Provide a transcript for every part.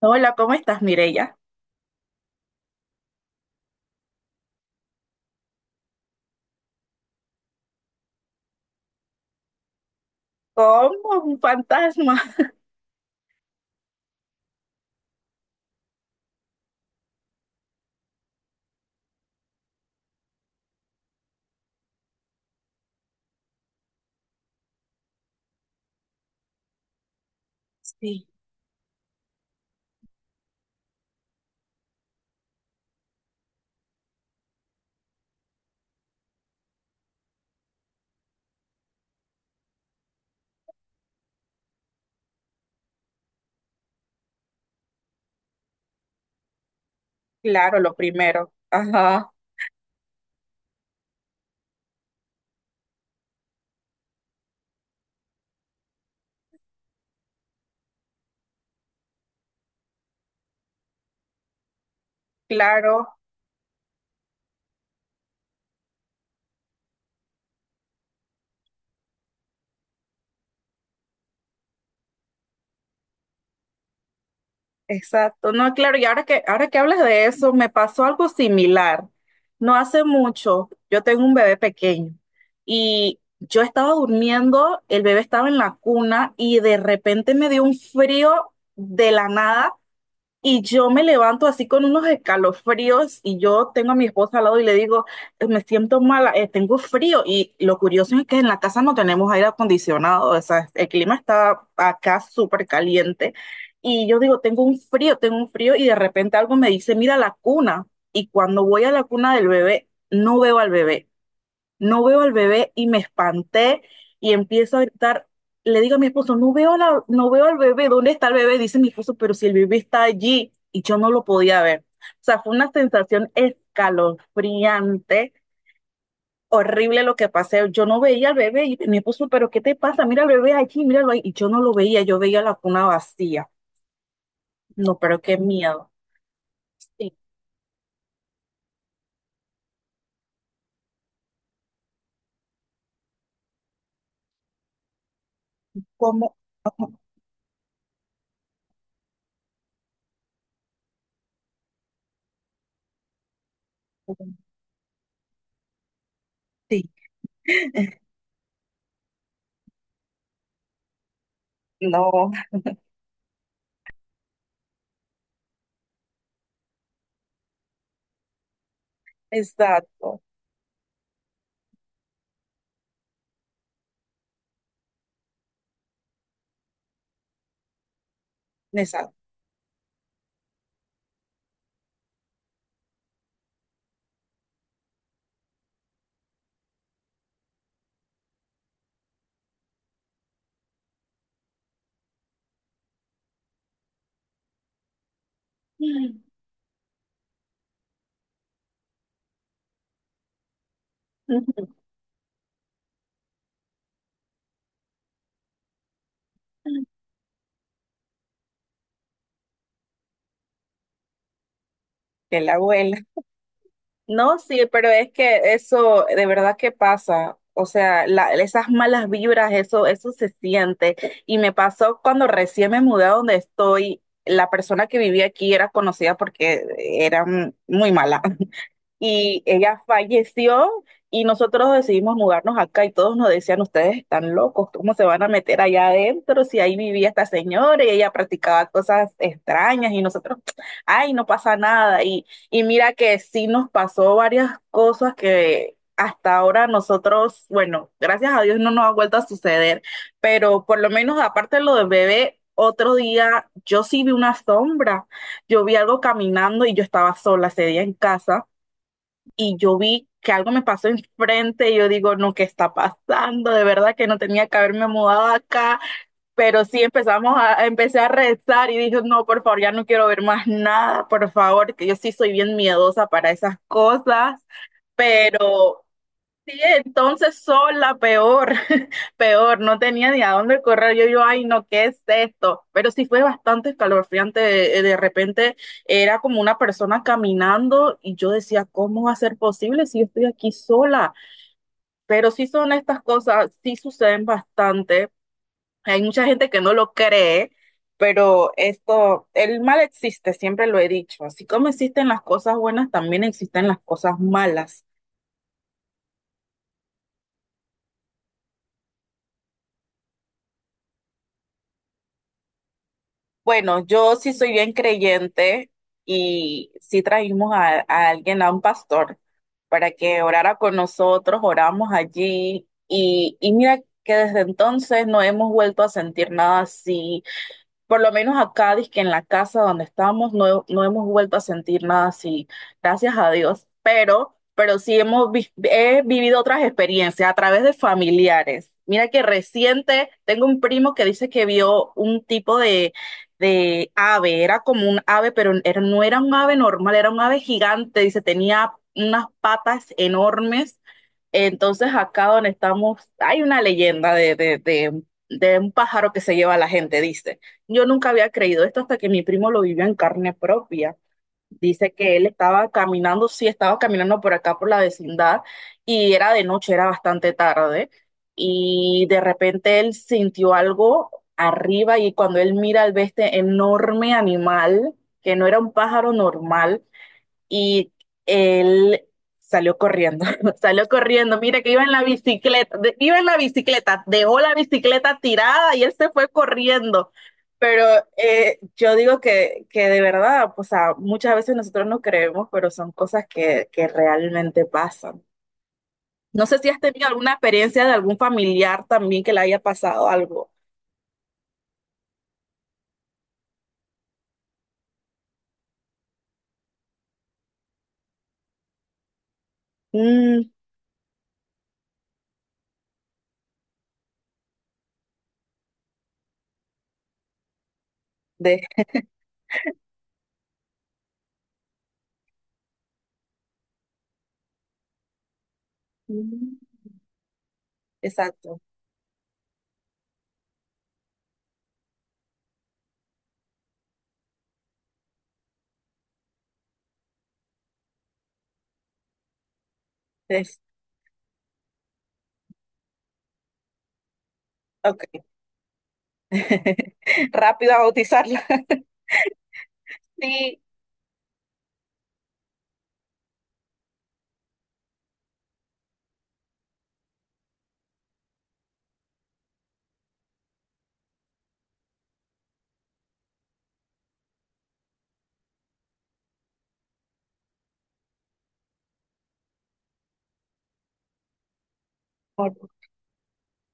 Hola, ¿cómo estás, Mireya? Como un fantasma. Sí, claro, lo primero. Ajá, claro, exacto. No, claro, y ahora que hablas de eso, me pasó algo similar. No hace mucho, yo tengo un bebé pequeño y yo estaba durmiendo, el bebé estaba en la cuna y de repente me dio un frío de la nada. Y yo me levanto así con unos escalofríos y yo tengo a mi esposa al lado y le digo, Me siento mala, tengo frío." Y lo curioso es que en la casa no tenemos aire acondicionado, o sea, el clima está acá súper caliente. Y yo digo, tengo un frío y de repente algo me dice, mira la cuna. Y cuando voy a la cuna del bebé, no veo al bebé y me espanté y empiezo a gritar. Le digo a mi esposo, no veo, la, no veo al bebé, ¿dónde está el bebé? Dice mi esposo, pero si el bebé está allí y yo no lo podía ver. O sea, fue una sensación escalofriante, horrible lo que pasé. Yo no veía al bebé y mi esposo, pero ¿qué te pasa? Mira al bebé allí, míralo ahí. Y yo no lo veía, yo veía la cuna vacía. No, pero qué miedo. Sí, ¿cómo? Sí, no, exacto, exacto. Que la abuela. No, sí, pero es que eso de verdad que pasa. O sea, la- esas malas vibras, eso se siente. Y me pasó cuando recién me mudé a donde estoy. La persona que vivía aquí era conocida porque era muy mala y ella falleció y nosotros decidimos mudarnos acá y todos nos decían, ustedes están locos, ¿cómo se van a meter allá adentro si ahí vivía esta señora y ella practicaba cosas extrañas y nosotros, ay, no pasa nada. Y mira que sí nos pasó varias cosas que… Hasta ahora nosotros, bueno, gracias a Dios no nos ha vuelto a suceder, pero por lo menos aparte de lo del bebé, otro día yo sí vi una sombra, yo vi algo caminando y yo estaba sola ese día en casa y yo vi que algo me pasó enfrente y yo digo, no, ¿qué está pasando? De verdad que no tenía que haberme mudado acá, pero sí empezamos a, empecé a rezar y dije, no, por favor, ya no quiero ver más nada, por favor, que yo sí soy bien miedosa para esas cosas, pero sí, entonces son la peor, peor, no tenía ni a dónde correr. Yo, ay, no, ¿qué es esto? Pero sí fue bastante escalofriante. De repente era como una persona caminando y yo decía, ¿cómo va a ser posible si yo estoy aquí sola? Pero sí son estas cosas, sí suceden bastante. Hay mucha gente que no lo cree, pero esto, el mal existe, siempre lo he dicho. Así como existen las cosas buenas, también existen las cosas malas. Bueno, yo sí soy bien creyente y sí trajimos a alguien, a un pastor, para que orara con nosotros, oramos allí y mira que desde entonces no hemos vuelto a sentir nada así por lo menos acá, que en la casa donde estamos, no, no hemos vuelto a sentir nada así, gracias a Dios, pero sí hemos vi- he vivido otras experiencias a través de familiares. Mira que reciente tengo un primo que dice que vio un tipo de ave, era como un ave, pero era- no era un ave normal, era un ave gigante, dice, tenía unas patas enormes. Entonces acá donde estamos hay una leyenda de un pájaro que se lleva a la gente, dice. Yo nunca había creído esto hasta que mi primo lo vivió en carne propia. Dice que él estaba caminando, sí, estaba caminando por acá, por la vecindad, y era de noche, era bastante tarde, y de repente él sintió algo arriba y cuando él mira, al ve este enorme animal, que no era un pájaro normal, y él salió corriendo, salió corriendo, mira que iba en la bicicleta, de- iba en la bicicleta, dejó la bicicleta tirada y él se fue corriendo. Pero yo digo que de verdad, pues, o sea, muchas veces nosotros no creemos, pero son cosas que realmente pasan. No sé si has tenido alguna experiencia de algún familiar también que le haya pasado algo. Mm, de, Mm, exacto. Es, ok. Rápido a bautizarla. Sí.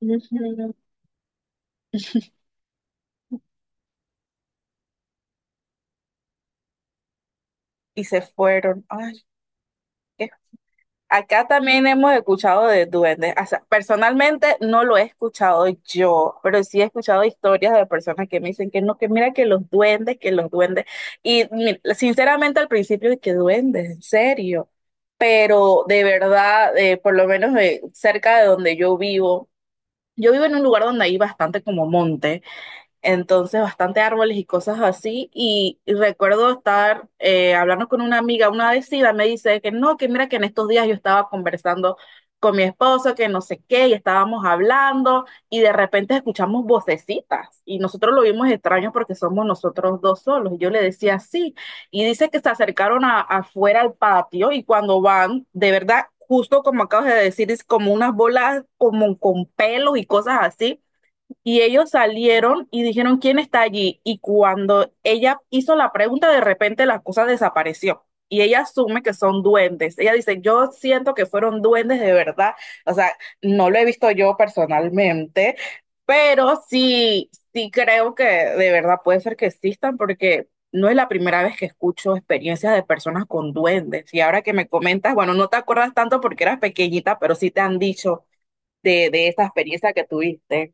Ujú. Y se fueron. Ay, qué- Acá también hemos escuchado de duendes. O sea, personalmente no lo he escuchado yo, pero sí he escuchado historias de personas que me dicen que no, que mira que los duendes, que los duendes. Y mi- sinceramente al principio de que duendes, en serio. Pero de verdad, por lo menos cerca de donde yo vivo en un lugar donde hay bastante como monte. Entonces, bastante árboles y cosas así. Y recuerdo estar hablando con una amiga, una vecina me dice que no, que mira que en estos días yo estaba conversando con mi esposo, que no sé qué, y estábamos hablando, y de repente escuchamos vocecitas. Y nosotros lo vimos extraño porque somos nosotros dos solos. Y yo le decía sí. Y dice que se acercaron a- afuera al patio, y cuando van, de verdad. Justo como acabas de decir, es como unas bolas como con pelos y cosas así y ellos salieron y dijeron, ¿quién está allí? Y cuando ella hizo la pregunta, de repente la cosa desapareció. Y ella asume que son duendes. Ella dice, yo siento que fueron duendes de verdad. O sea, no lo he visto yo personalmente, pero sí, sí creo que de verdad puede ser que existan porque no es la primera vez que escucho experiencias de personas con duendes. Y ahora que me comentas, bueno, no te acuerdas tanto porque eras pequeñita, pero sí te han dicho de esa experiencia que tuviste.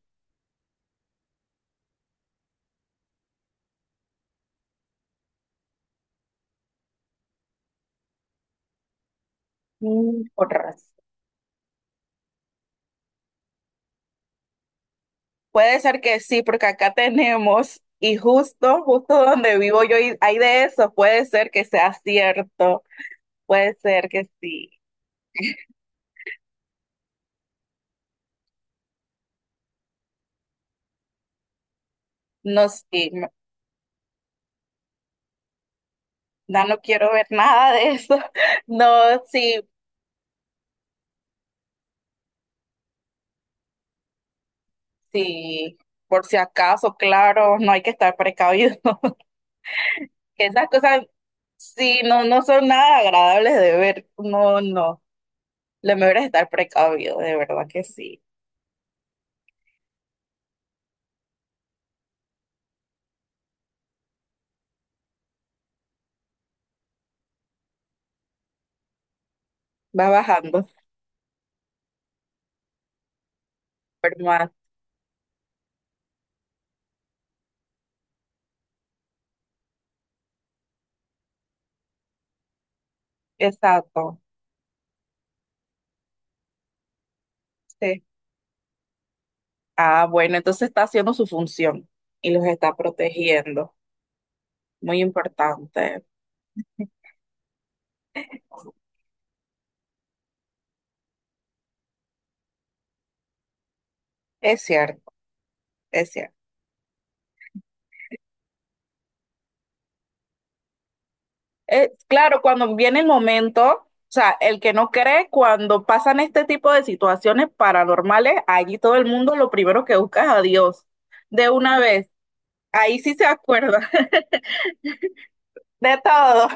Con razón. Puede ser que sí, porque acá tenemos, y justo, justo donde vivo yo y hay de eso, puede ser que sea cierto, puede ser que sí. No, sí, no, ya no quiero ver nada de eso. No, sí, sí, por si acaso, claro, no hay que estar precavido. Esas cosas, sí, no, no son nada agradables de ver. No, no. Lo mejor es estar precavido, de verdad que sí. Va bajando, pero más, exacto. Sí. Ah, bueno, entonces está haciendo su función y los está protegiendo. Muy importante. Es cierto, es cierto. Claro, cuando viene el momento, o sea, el que no cree, cuando pasan este tipo de situaciones paranormales, allí todo el mundo lo primero que busca es a Dios. De una vez, ahí sí se acuerda de todo.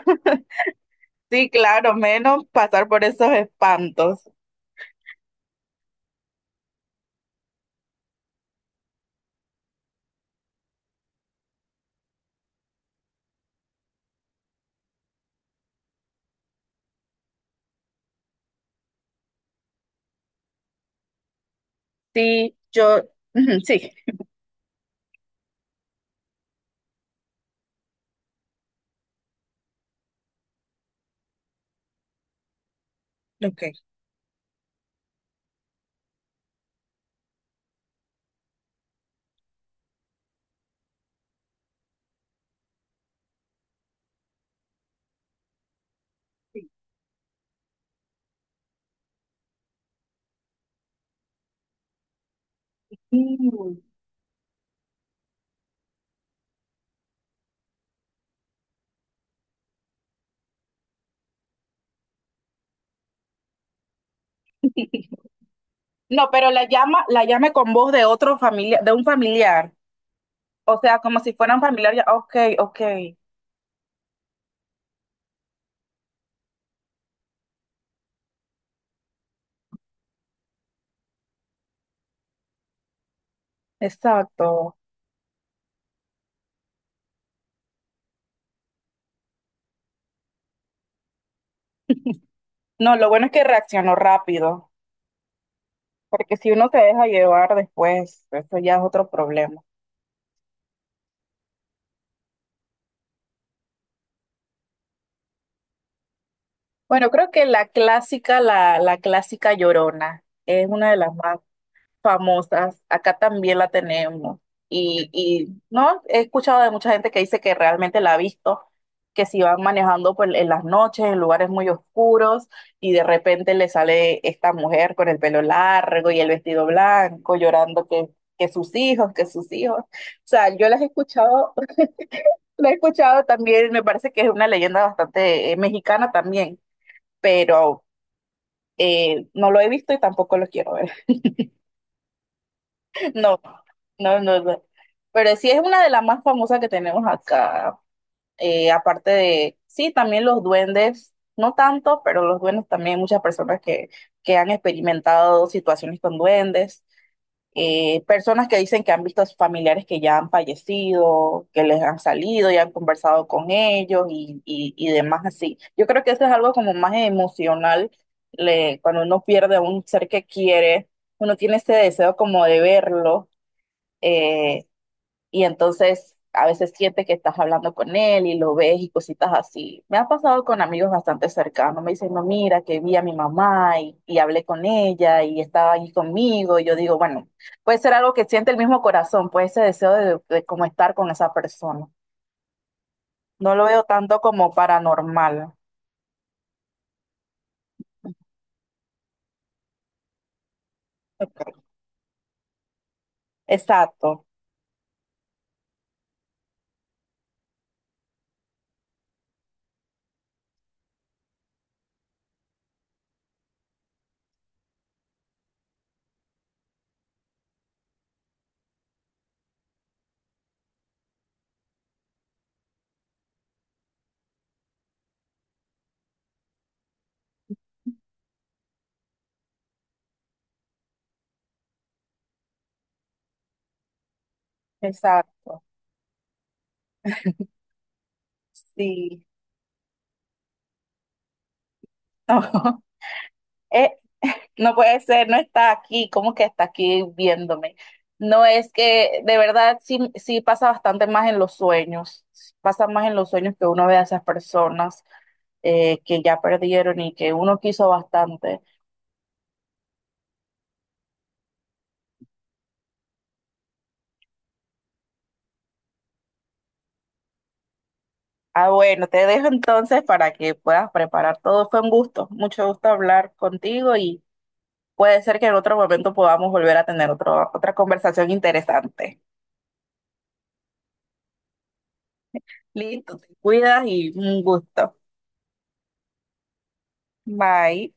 Sí, claro, menos pasar por esos espantos. Sí, yo, ujú, sí, ok. No, pero la llama, la llame con voz de otro familiar, de un familiar. O sea, como si fuera un familiar. Ya, ok, ok, exacto. No, lo bueno es que reaccionó rápido, porque si uno se deja llevar después, eso ya es otro problema. Bueno, creo que la clásica, la clásica llorona, es una de las más famosas, acá también la tenemos. Y no, he escuchado de mucha gente que dice que realmente la ha visto, que si van manejando pues, en las noches, en lugares muy oscuros, y de repente le sale esta mujer con el pelo largo y el vestido blanco, llorando que sus hijos, que sus hijos. O sea, yo las he escuchado, la he escuchado también, me parece que es una leyenda bastante mexicana también, pero no lo he visto y tampoco lo quiero ver. No, no, no, no. Pero sí es una de las más famosas que tenemos acá. Aparte de, sí, también los duendes, no tanto, pero los duendes también, hay muchas personas que han experimentado situaciones con duendes, personas que dicen que han visto a sus familiares que ya han fallecido, que les han salido y han conversado con ellos y demás así. Yo creo que eso es algo como más emocional, le- cuando uno pierde a un ser que quiere, uno tiene ese deseo como de verlo eh, y entonces a veces siente que estás hablando con él y lo ves y cositas así. Me ha pasado con amigos bastante cercanos, me dicen, no, mira, que vi a mi mamá y hablé con ella y estaba ahí conmigo. Y yo digo, bueno, puede ser algo que siente el mismo corazón, puede ese deseo de como estar con esa persona. No lo veo tanto como paranormal. Ok. Exacto, exacto. Sí. Es, no puede ser, no está aquí, ¿cómo que está aquí viéndome? No es que de verdad sí, sí pasa bastante más en los sueños, pasa más en los sueños que uno ve a esas personas que ya perdieron y que uno quiso bastante. Ah, bueno, te dejo entonces para que puedas preparar todo. Fue un gusto, mucho gusto hablar contigo y puede ser que en otro momento podamos volver a tener otro, otra conversación interesante. Listo, te cuidas y un gusto. Bye.